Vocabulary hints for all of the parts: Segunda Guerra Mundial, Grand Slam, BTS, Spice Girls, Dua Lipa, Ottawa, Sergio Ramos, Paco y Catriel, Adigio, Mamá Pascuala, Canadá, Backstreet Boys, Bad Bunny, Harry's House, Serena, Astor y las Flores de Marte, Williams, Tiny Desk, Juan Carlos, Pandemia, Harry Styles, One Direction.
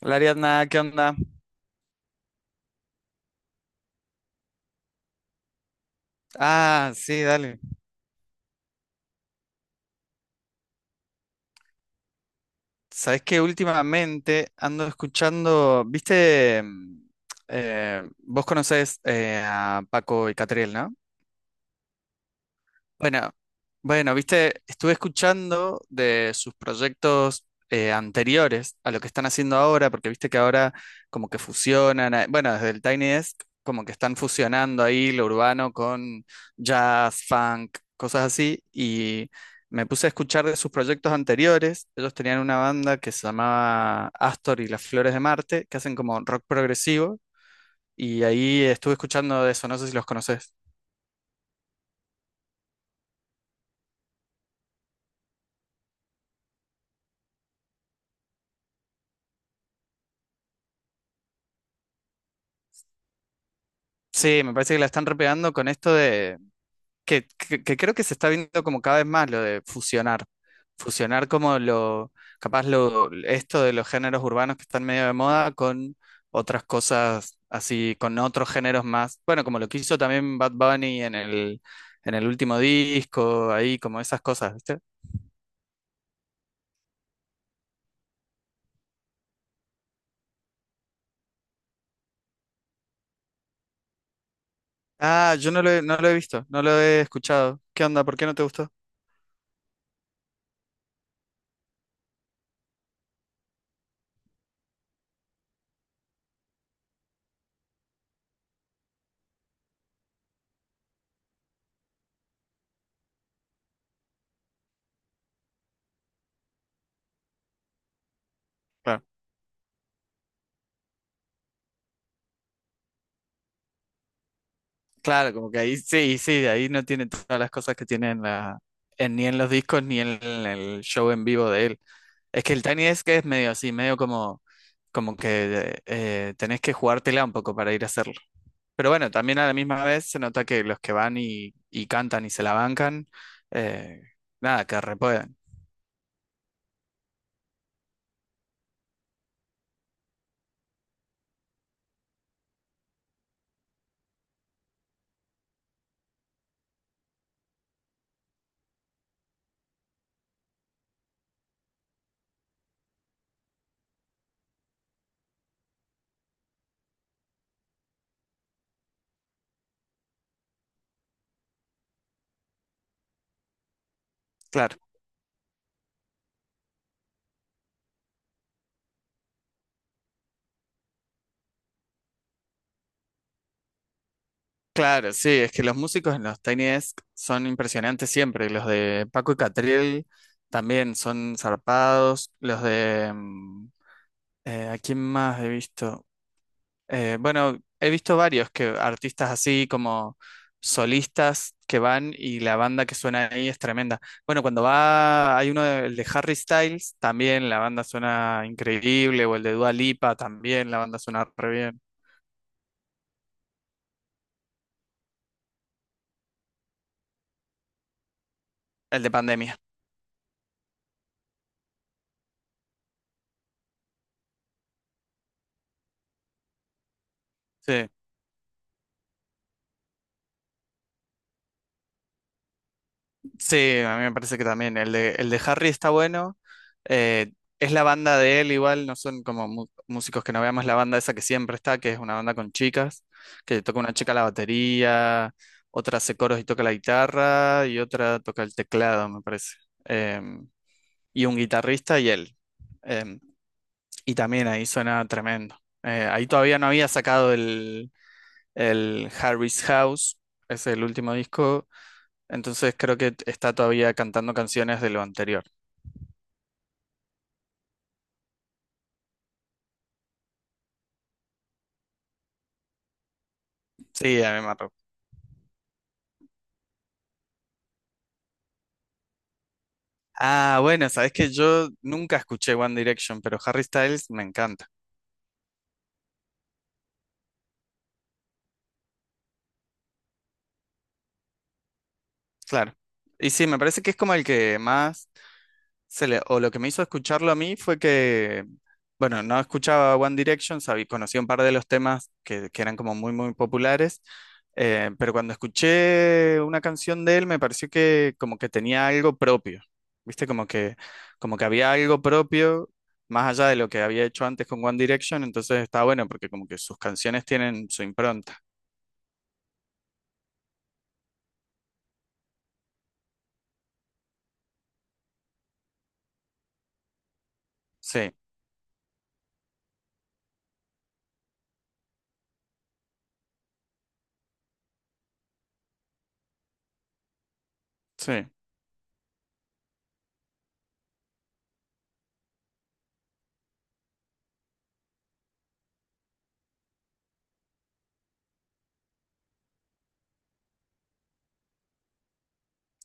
Hola Ariadna, ¿qué onda? Ah, sí, dale. Sabes que últimamente ando escuchando, viste, vos conocés a Paco y Catriel, ¿no? Bueno, bueno, viste, estuve escuchando de sus proyectos anteriores a lo que están haciendo ahora, porque viste que ahora como que fusionan, bueno, desde el Tiny Desk como que están fusionando ahí lo urbano con jazz, funk, cosas así, y me puse a escuchar de sus proyectos anteriores. Ellos tenían una banda que se llamaba Astor y las Flores de Marte, que hacen como rock progresivo, y ahí estuve escuchando de eso, no sé si los conoces. Sí, me parece que la están repegando con esto que creo que se está viendo como cada vez más lo de fusionar. Fusionar como lo, capaz lo, esto de los géneros urbanos que están medio de moda con otras cosas así, con otros géneros más. Bueno, como lo que hizo también Bad Bunny en el último disco, ahí, como esas cosas, ¿viste? Ah, yo no lo he, no lo he visto, no lo he escuchado. ¿Qué onda? ¿Por qué no te gustó? Claro, claro, como que ahí sí, sí, ahí no tiene todas las cosas que tiene en la, ni en los discos ni en el show en vivo de él. Es que el Tiny Desk es medio así, medio como, como que tenés que jugártela un poco para ir a hacerlo. Pero bueno, también a la misma vez se nota que los que van y cantan y se la bancan, eh, nada, que repuedan. Claro, claro, sí, es que los músicos en los Tiny Desk son impresionantes siempre. Los de Paco y Catriel también son zarpados. Los de... ¿a quién más he visto? Bueno, he visto varios que artistas así como solistas que van y la banda que suena ahí es tremenda. Bueno, cuando va, hay uno de, el de Harry Styles, también la banda suena increíble, o el de Dua Lipa, también la banda suena re bien. El de Pandemia, sí. Sí, a mí me parece que también. El de Harry está bueno. eh, es la banda de él igual, no son como músicos que no veamos la banda esa que siempre está, que es una banda con chicas, que toca una chica la batería, otra hace coros y toca la guitarra, y otra toca el teclado, me parece. Em, y un guitarrista y él. Em, y también ahí suena tremendo. Ahí todavía no había sacado el Harry's House, es el último disco, entonces creo que está todavía cantando canciones de lo anterior. Sí, a mí me mató. Ah, bueno, sabes que yo nunca escuché One Direction, pero Harry Styles me encanta. Claro. Y sí, me parece que es como el que más o lo que me hizo escucharlo a mí fue que, bueno, no escuchaba One Direction, sabí, conocí un par de los temas que eran como muy, muy populares, pero cuando escuché una canción de él me pareció que como que tenía algo propio, ¿viste? Como que había algo propio. Más allá de lo que había hecho antes con One Direction, entonces está bueno porque como que sus canciones tienen su impronta. Sí, sí.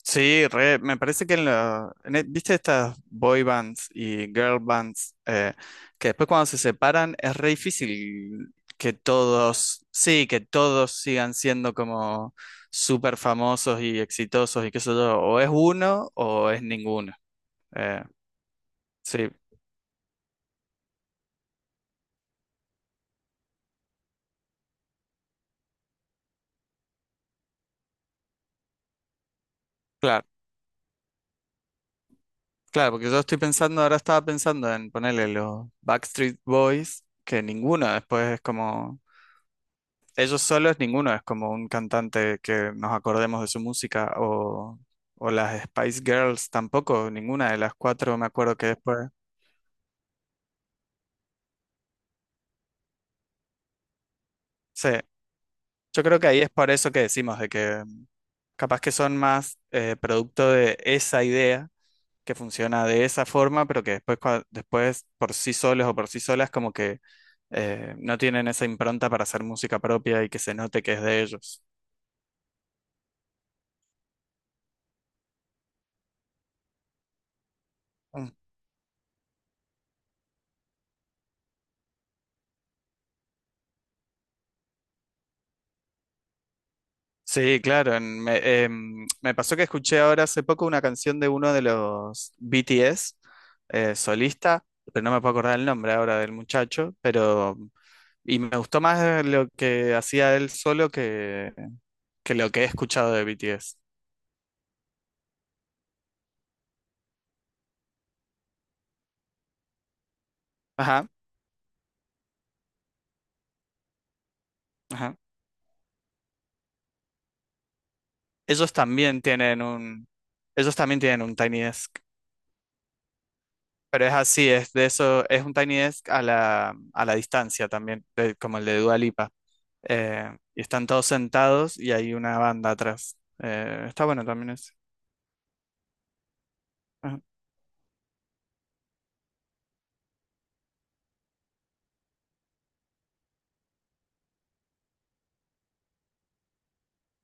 Sí, re, me parece que en la, viste estas boy bands y girl bands que después cuando se separan es re difícil que todos, sí, que todos sigan siendo como súper famosos y exitosos y qué sé yo, o es uno o es ninguno. Eh, sí, claro, claro, porque yo estoy pensando, ahora estaba pensando en ponerle los Backstreet Boys, que ninguno después es como ellos solos, ninguno es como un cantante que nos acordemos de su música, o las Spice Girls tampoco, ninguna de las cuatro me acuerdo que después. Sí, yo creo que ahí es por eso que decimos de que capaz que son más producto de esa idea que funciona de esa forma, pero que después, después por sí solos o por sí solas como que no tienen esa impronta para hacer música propia y que se note que es de ellos. Sí, claro. Me pasó que escuché ahora hace poco una canción de uno de los BTS, solista, pero no me puedo acordar el nombre ahora del muchacho, pero y me gustó más lo que hacía él solo que lo que he escuchado de BTS. Ajá, ajá. Ellos también tienen un, ellos también tienen un Tiny Desk, pero es así, es de eso, es un Tiny Desk a la distancia también, como el de Dua Lipa. Y están todos sentados y hay una banda atrás. Está bueno también eso. Ajá.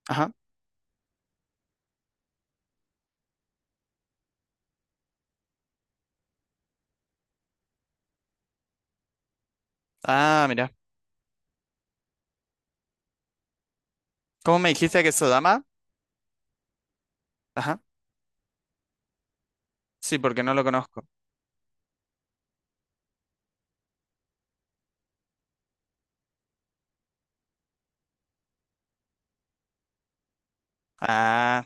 Ajá. Ah, mira. ¿Cómo me dijiste que es Sodama? Ajá. Sí, porque no lo conozco. Ah,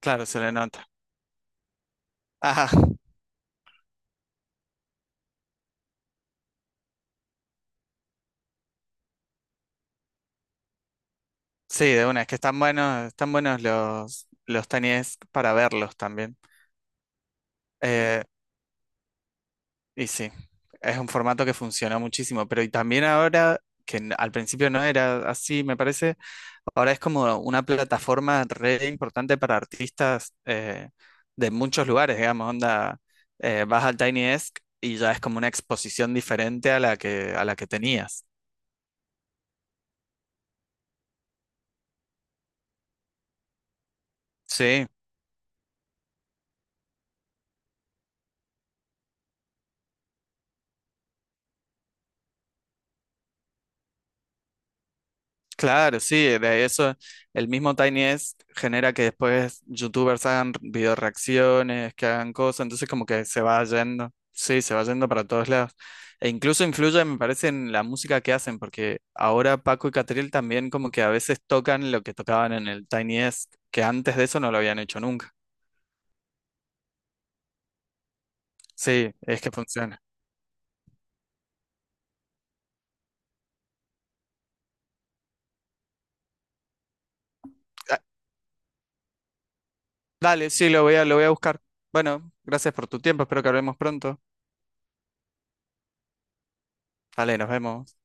claro, se le nota. Ajá. Sí, de una, es que están buenos los tenis para verlos también. Eh, Y sí, es un formato que funciona muchísimo, pero y también ahora, al principio no era así, me parece, ahora es como una plataforma re importante para artistas de muchos lugares, digamos, onda, vas al Tiny Desk y ya es como una exposición diferente a la que tenías. Sí, claro, sí, de eso el mismo Tiny Desk genera que después youtubers hagan video reacciones, que hagan cosas, entonces como que se va yendo, sí, se va yendo para todos lados. E incluso influye, me parece, en la música que hacen, porque ahora Paco y Catril también como que a veces tocan lo que tocaban en el Tiny Desk, que antes de eso no lo habían hecho nunca. Sí, es que funciona. Ah, dale, sí, lo voy a buscar. Bueno, gracias por tu tiempo, espero que hablemos pronto. Dale, nos vemos.